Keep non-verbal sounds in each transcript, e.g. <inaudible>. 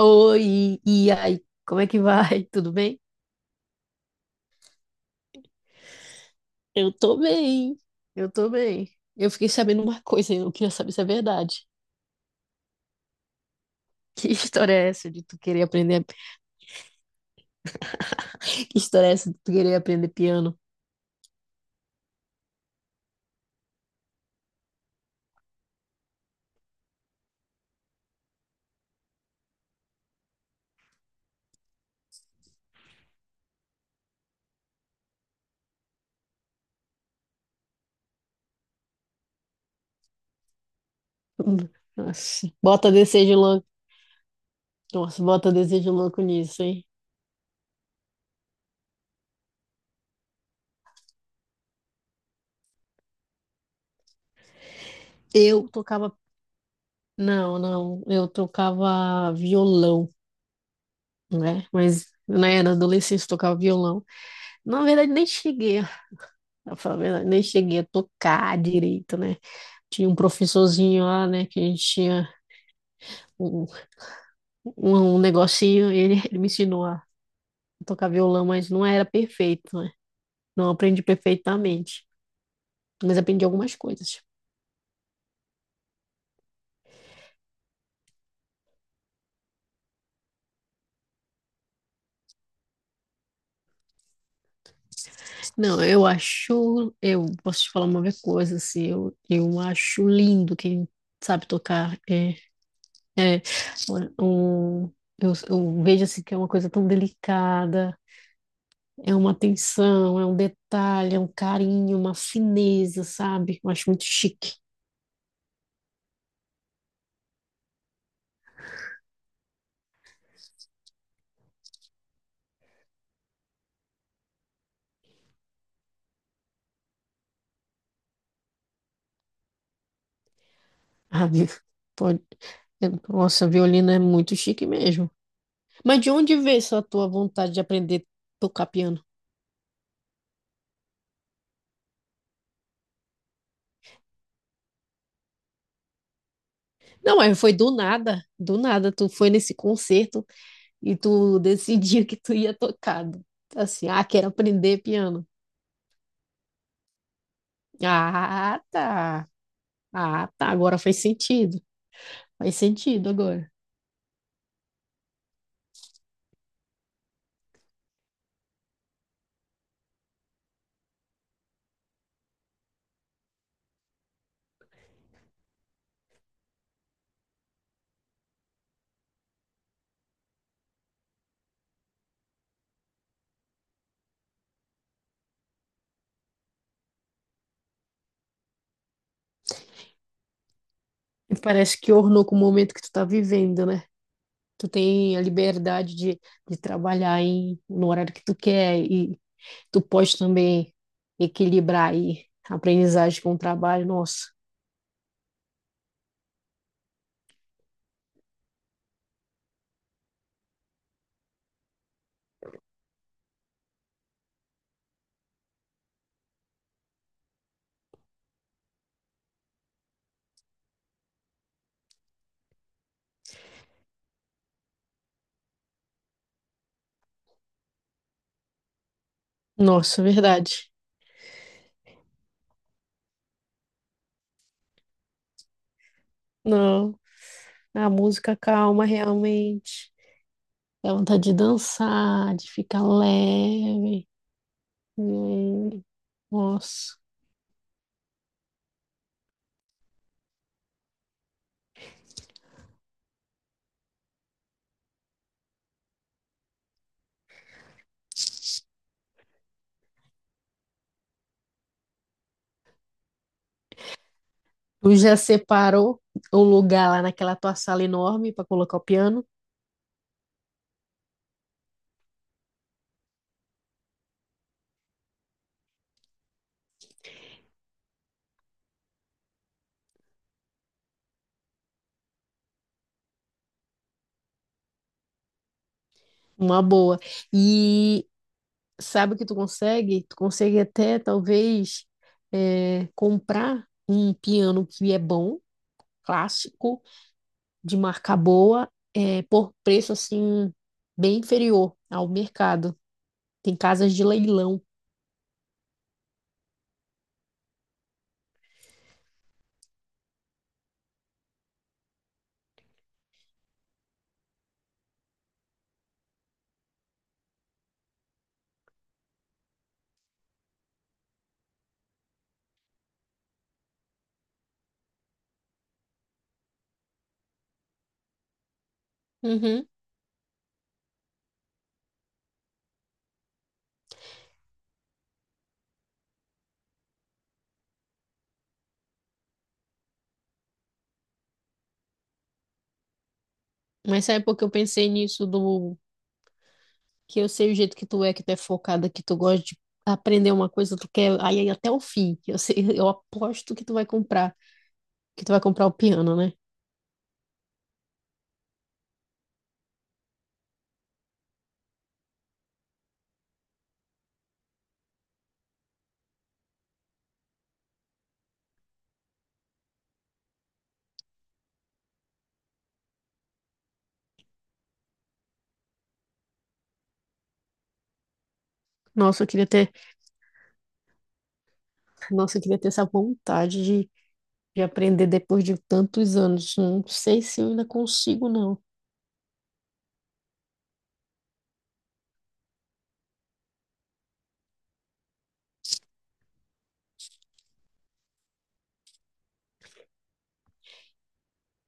Oi, e aí, como é que vai? <laughs> Tudo bem? Eu tô bem, eu tô bem. Eu fiquei sabendo uma coisa, e eu queria saber se é verdade. <laughs> Que história é essa de tu querer aprender? <laughs> Que história é essa de tu querer aprender piano? <laughs> Hum, Nossa, bota desejo louco. Nossa, bota desejo louco nisso, hein? Eu tocava. Não, não, eu tocava violão, né? Mas né, na adolescência eu tocava violão. Na verdade, nem cheguei, a- <laughs> pra falar a verdade, nem cheguei a tocar direito, né? Tinha um professorzinho lá, né, que a gente tinha um, um negocinho, e ele, <laughs> ele me ensinou a tocar violão, mas não era perfeito, né? Não aprendi perfeitamente, mas aprendi algumas coisas. Não, eu acho, eu posso te falar uma coisa, assim, eu acho lindo quem sabe tocar. É um, eu vejo assim que é uma coisa tão delicada, é uma atenção, é um detalhe, é um carinho, uma fineza, sabe? Eu acho muito chique. Ah, vi- pode... Nossa, violino é muito chique mesmo. Mas de onde veio essa tua vontade de aprender a tocar piano? Não, mas foi do nada, do nada. Tu foi nesse concerto e tu <laughs> decidiu que tu ia tocar. Assim, ah, quero aprender piano. Ah, tá. Ah, tá. Agora faz sentido. Faz sentido agora. E parece que ornou com o momento que tu tá vivendo, né? Tu tem a liberdade de trabalhar em, no horário que tu quer e tu pode também equilibrar aí a aprendizagem com o trabalho. Nossa, nossa, verdade. Não, a música calma realmente. Dá vontade de dançar, de ficar leve. Hum, Nossa. Tu já separou um lugar lá naquela tua sala enorme para colocar o piano? Uma boa. E sabe o que tu consegue? Tu consegue até talvez comprar um piano que é bom, clássico de marca boa, por preço assim, bem inferior ao mercado. Tem casas de leilão. Uhum. Mas sabe por que eu pensei nisso do que eu sei o jeito que tu é focada, que tu gosta de aprender uma coisa, tu quer aí até o fim. Eu sei, eu aposto que tu vai comprar, que tu vai comprar o piano, né? Nossa, eu queria ter, nossa, eu queria ter essa vontade de aprender depois de tantos anos. Não sei se eu ainda consigo, não.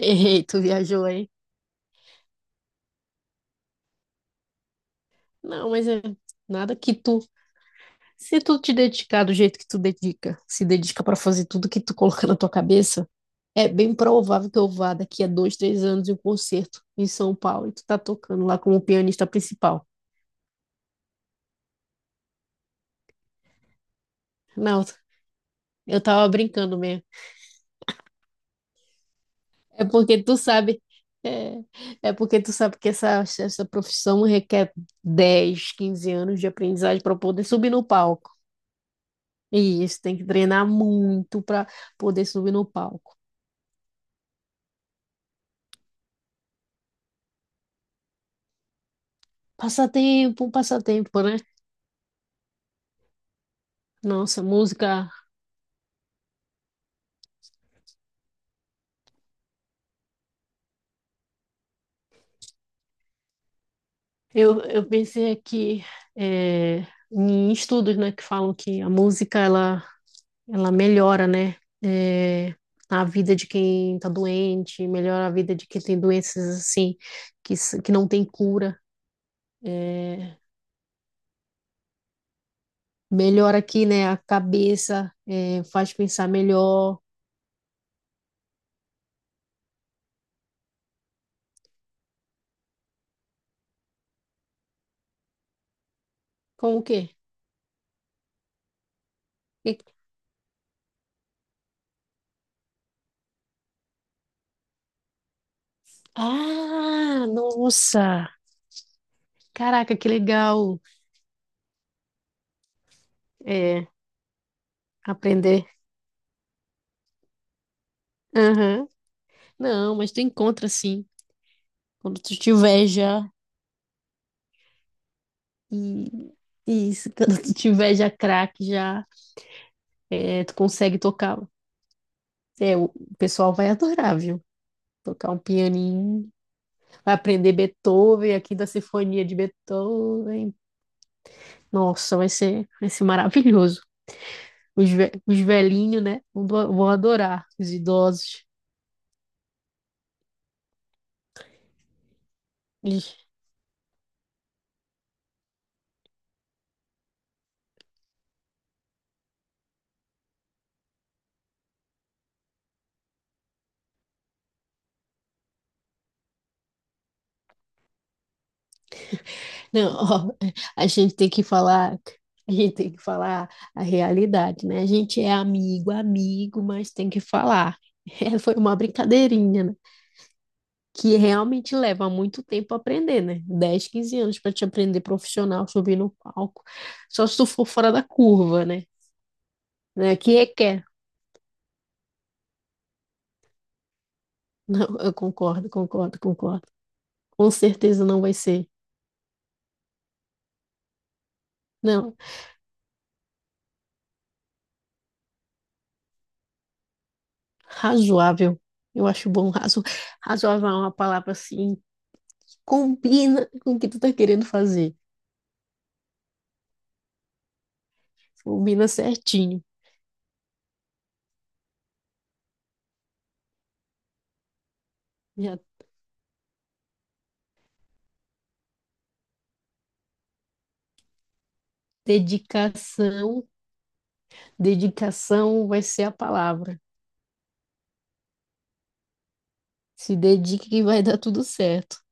Errei, tu viajou aí. Não, mas é nada que tu Se tu te dedicar do jeito que tu dedica, se dedica para fazer tudo que tu coloca na tua cabeça, é bem provável que eu vá daqui a 2, 3 anos em um concerto em São Paulo e tu tá tocando lá como pianista principal. Não, eu tava brincando mesmo. É porque tu sabe, é, é porque tu sabe que essa profissão requer 10, 15 anos de aprendizagem para poder subir no palco. E isso tem que treinar muito para poder subir no palco. Passatempo, um passatempo, né? Nossa, música eu pensei aqui em estudos, né, que falam que ela melhora, né, é, a vida de quem está doente, melhora a vida de quem tem doenças assim que não tem cura, é, melhora aqui, né, a cabeça, é, faz pensar melhor. Como o quê? E- Ah, nossa! Caraca, que legal é, aprender. Aham. Não, mas tu encontra sim. Quando tu tiver já. E, isso, <laughs> quando tu tiver já craque, já é, tu consegue tocar. É, o pessoal vai adorar, viu? Tocar um pianinho, vai aprender Beethoven, aqui da Sinfonia de Beethoven. Nossa, vai ser maravilhoso. Os velhinhos, né? Vão adorar, os idosos. Não, ó, a gente tem que falar, a gente tem que falar a realidade, né? A gente é amigo, amigo, mas tem que falar. <laughs> foi uma brincadeirinha, né? Que realmente leva muito tempo a aprender, né? 10, 15 anos para te aprender profissional, subir no palco. Só se tu for fora da curva, né? Né? Que requer. Não, eu concordo, concordo, concordo. Com certeza não vai ser. Não, razoável. Eu acho bom, razoável é uma palavra assim combina com o que tu tá querendo fazer. Combina certinho. Já dedicação, dedicação vai ser a palavra. Se dedique que vai dar tudo certo.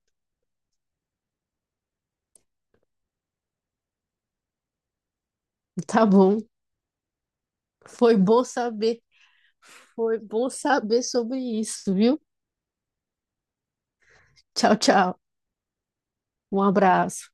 Tá bom. Foi bom saber. Foi bom saber sobre isso, viu? Tchau, tchau. Um abraço.